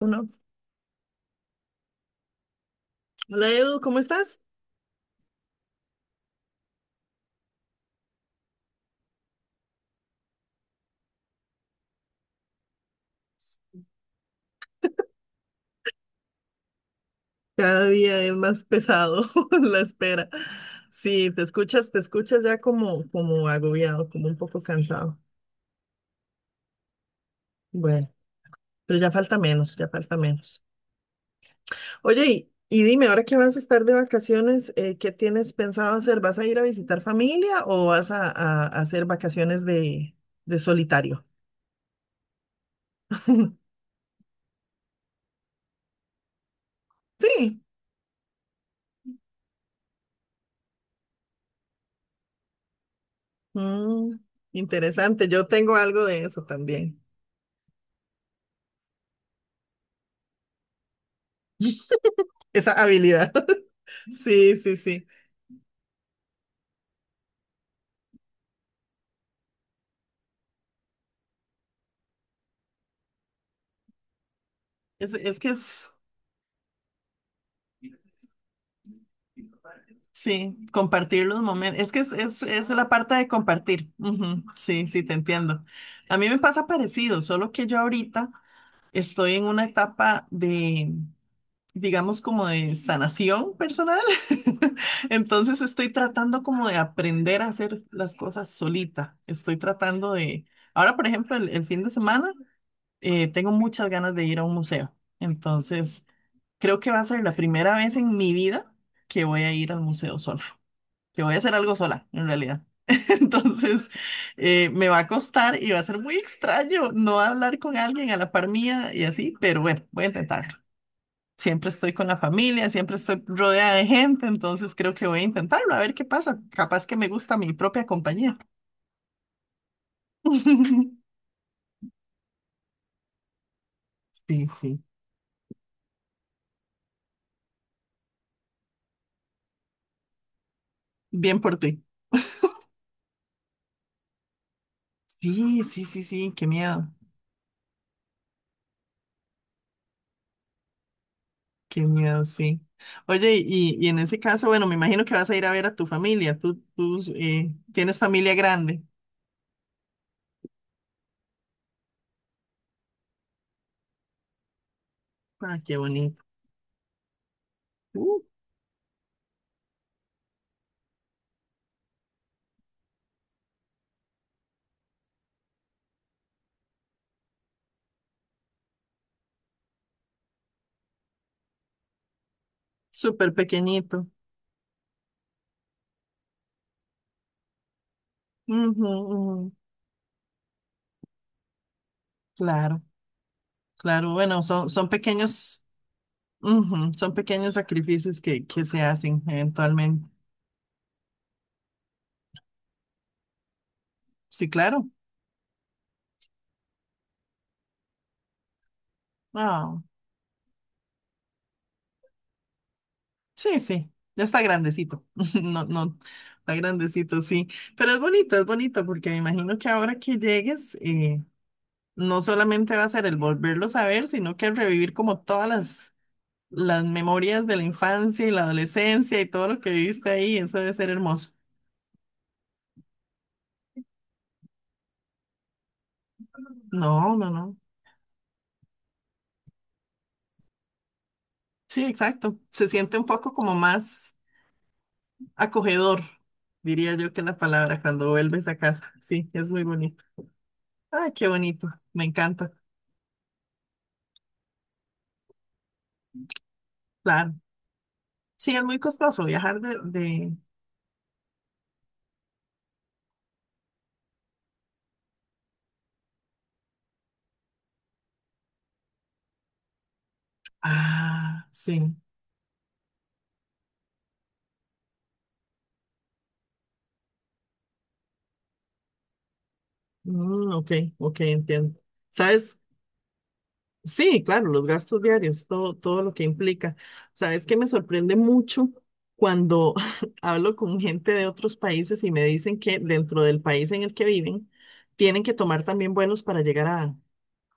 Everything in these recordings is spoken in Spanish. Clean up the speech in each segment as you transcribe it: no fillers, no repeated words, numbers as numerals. Uno. Hola Edu, ¿cómo estás? Cada día es más pesado la espera. Sí, te escuchas ya como agobiado, como un poco cansado. Bueno, pero ya falta menos, ya falta menos. Oye, y dime, ahora que vas a estar de vacaciones, ¿qué tienes pensado hacer? ¿Vas a ir a visitar familia o vas a hacer vacaciones de solitario? Sí, Mm, interesante. Yo tengo algo de eso también, esa habilidad. Sí, sí, sí. Es que es. Sí, compartir los momentos. Es que es la parte de compartir. Ujú, sí, sí, te entiendo. A mí me pasa parecido, solo que yo ahorita estoy en una etapa de, digamos, como de sanación personal. Entonces estoy tratando como de aprender a hacer las cosas solita. Estoy tratando de... Ahora, por ejemplo, el fin de semana, tengo muchas ganas de ir a un museo. Entonces, creo que va a ser la primera vez en mi vida que voy a ir al museo sola. Yo voy a hacer algo sola, en realidad. Entonces, me va a costar y va a ser muy extraño no hablar con alguien a la par mía y así, pero bueno, voy a intentarlo. Siempre estoy con la familia, siempre estoy rodeada de gente, entonces creo que voy a intentarlo, a ver qué pasa. Capaz que me gusta mi propia compañía. Sí, sí. Bien por ti. Sí, sí, sí, sí, qué miedo, sí. Oye, y en ese caso, bueno, me imagino que vas a ir a ver a tu familia. Tú tienes familia grande. Ah, qué bonito. Uh, súper pequeñito. Ujú, ujú. Claro, claro. Bueno, son pequeños, ujú, son pequeños sacrificios que se hacen eventualmente. Sí, claro. Ah, sí, sí. Ya está grandecito. No, no, está grandecito, sí. Pero es bonito, porque me imagino que ahora que llegues, no solamente va a ser el volverlos a ver, sino que revivir como todas las memorias de la infancia y la adolescencia y todo lo que viviste ahí. Eso debe ser hermoso. No, no, no. Sí, exacto. Se siente un poco como más acogedor, diría yo que la palabra, cuando vuelves a casa. Sí, es muy bonito. Ay, qué bonito. Me encanta. Claro. Sí, es muy costoso viajar de... Ah, sí. Mm, ok, ok, entiendo. ¿Sabes? Sí, claro, los gastos diarios, todo, todo lo que implica. Sabes que me sorprende mucho cuando hablo con gente de otros países y me dicen que dentro del país en el que viven tienen que tomar también vuelos para llegar a,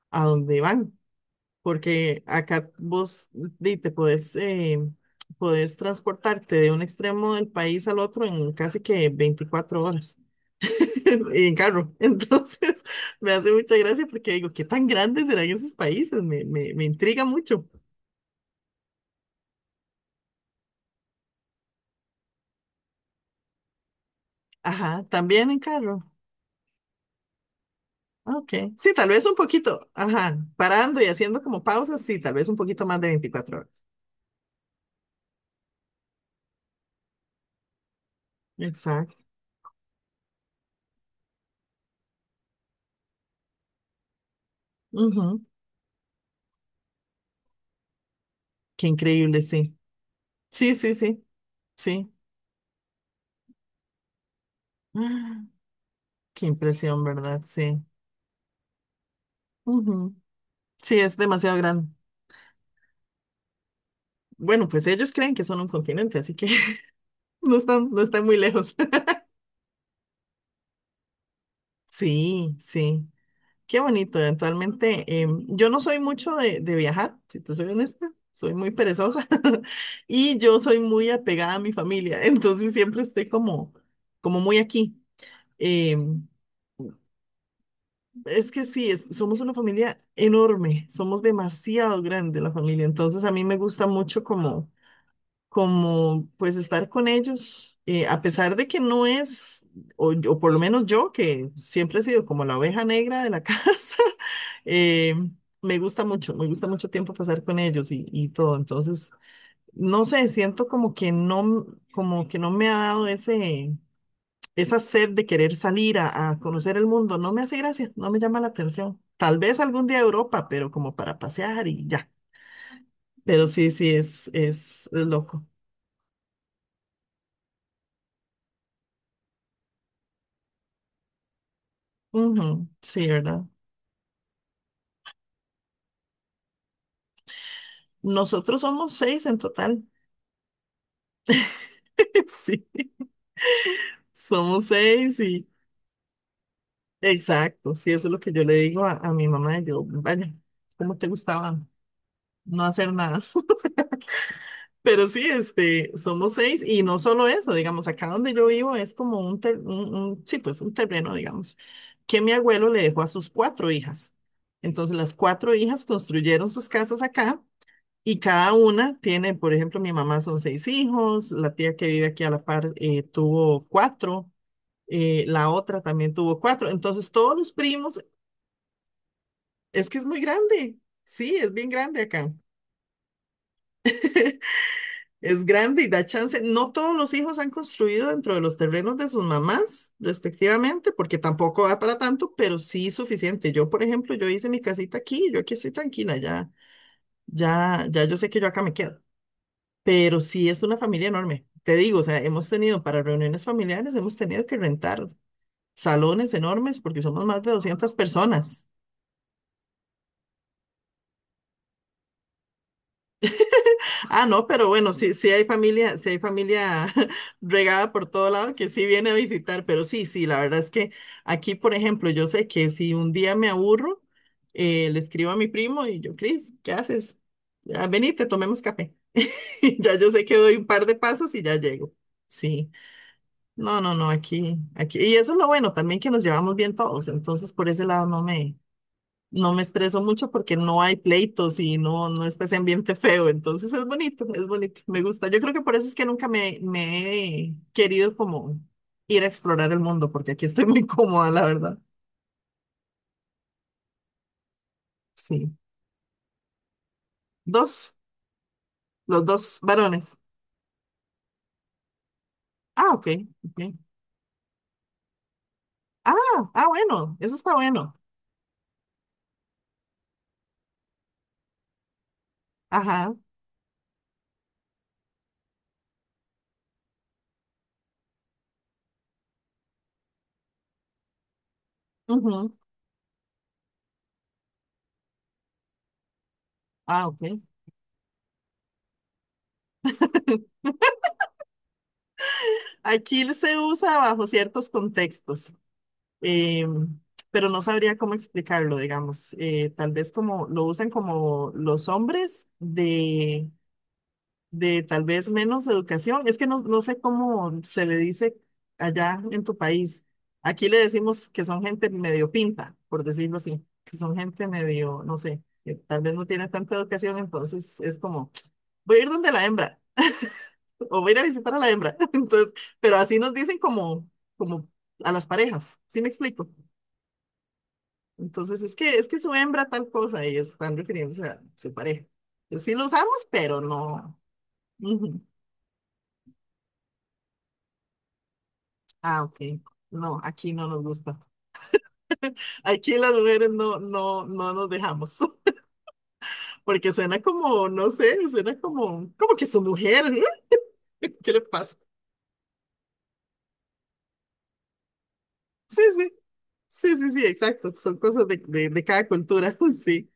a donde van, porque acá vos di, te podés, podés transportarte de un extremo del país al otro en casi que 24 horas. en carro. Entonces, me hace mucha gracia porque digo, ¿qué tan grandes serán esos países? Me intriga mucho. Ajá, también en carro. Ah, ok. Sí, tal vez un poquito. Ajá, parando y haciendo como pausas, sí, tal vez un poquito más de 24 horas. Exacto. Ujú. Qué increíble, sí. Sí, sí, sí, sí. Ah, qué impresión, ¿verdad? Sí. Ujú. Sí, es demasiado grande. Bueno, pues ellos creen que son un continente, así que no están, no están muy lejos. Sí, sí. Qué bonito, eventualmente. Yo no soy mucho de viajar, si te soy honesta, soy muy perezosa y yo soy muy apegada a mi familia, entonces siempre estoy como muy aquí. Em, es que sí, somos una familia enorme, somos demasiado grande la familia, entonces a mí me gusta mucho como pues estar con ellos, a pesar de que no es, o por lo menos yo, que siempre he sido como la oveja negra de la casa, eh, me gusta mucho tiempo pasar con ellos y todo. Entonces, no sé, siento como que no, como que no me ha dado esa sed de querer salir a conocer el mundo. No me hace gracia, no me llama la atención. Tal vez algún día a Europa, pero como para pasear y ya. Pero sí, sí, es loco. Ujú, sí, ¿verdad? Nosotros somos seis en total. Sí, somos seis y exacto. Sí, eso es lo que yo le digo a mi mamá. Yo, vaya, ¿cómo te gustaba no hacer nada? Pero sí, este, somos seis y no solo eso, digamos, acá donde yo vivo es como un, ter- un- sí, pues un terreno, digamos, que mi abuelo le dejó a sus cuatro hijas. Entonces, las cuatro hijas construyeron sus casas acá y cada una tiene, por ejemplo, mi mamá son seis hijos, la tía que vive aquí a la par tuvo cuatro. La otra también tuvo cuatro. Entonces, todos los primos, es que es muy grande. Sí, es bien grande acá. Es grande y da chance. No todos los hijos han construido dentro de los terrenos de sus mamás, respectivamente, porque tampoco da para tanto, pero sí suficiente. Yo, por ejemplo, yo hice mi casita aquí, yo aquí estoy tranquila, ya, ya, ya yo sé que yo acá me quedo. Pero sí es una familia enorme. Te digo, o sea, hemos tenido para reuniones familiares, hemos tenido que rentar salones enormes porque somos más de 200 personas. Ah, no, pero bueno, sí, sí hay familia regada por todo lado que sí viene a visitar, pero sí, sí, la verdad es que aquí, por ejemplo, yo sé que si un día me aburro, le escribo a mi primo y yo, Cris, ¿qué haces? Ya, venite, tomemos café. Ya yo sé que doy un par de pasos y ya llego. Sí, no, no, no, aquí, aquí. Y eso es lo bueno también que nos llevamos bien todos, entonces por ese lado no me estreso mucho porque no hay pleitos y no, no está ese ambiente feo. Entonces es bonito, me gusta. Yo creo que por eso es que nunca me he querido como ir a explorar el mundo, porque aquí estoy muy cómoda, la verdad. Sí. Dos, los dos varones. Ah, ok, ok. Ah, ah, bueno, eso está bueno. Ajá. Ujú. Ah, ok. Aquí se usa bajo ciertos contextos. eh, pero no sabría cómo explicarlo, digamos. Tal vez como lo usan como los hombres de tal vez menos educación. Es que no, no sé cómo se le dice allá en tu país. Aquí le decimos que son gente medio pinta, por decirlo así, que son gente medio, no sé, que tal vez no tiene tanta educación, entonces es como, voy a ir donde la hembra, o voy a ir a visitar a la hembra. Entonces, pero así nos dicen como, como a las parejas, ¿sí me explico? Entonces, es que su hembra tal cosa y están refiriéndose a su pareja. Pues sí lo usamos, pero no. Ujú. Ah, ok. No, aquí no nos gusta. Aquí las mujeres no, no, no nos dejamos. Porque suena como, no sé, suena como que su mujer, ¿no? ¿Qué le pasa? Sí, sí, sí, sí, sí, exacto. Son cosas de cada cultura, sí.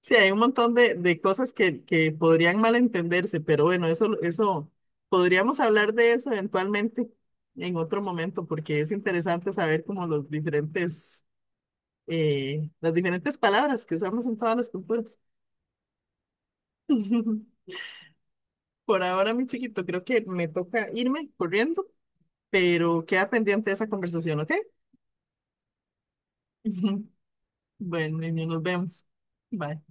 Sí, hay un montón de cosas que podrían malentenderse, pero bueno, eso, podríamos hablar de eso eventualmente en otro momento, porque es interesante saber como los diferentes, las diferentes palabras que usamos en todas las culturas. Por ahora, mi chiquito, creo que me toca irme corriendo, pero queda pendiente esa conversación, ¿ok? Bueno, niño, nos vemos. Bye.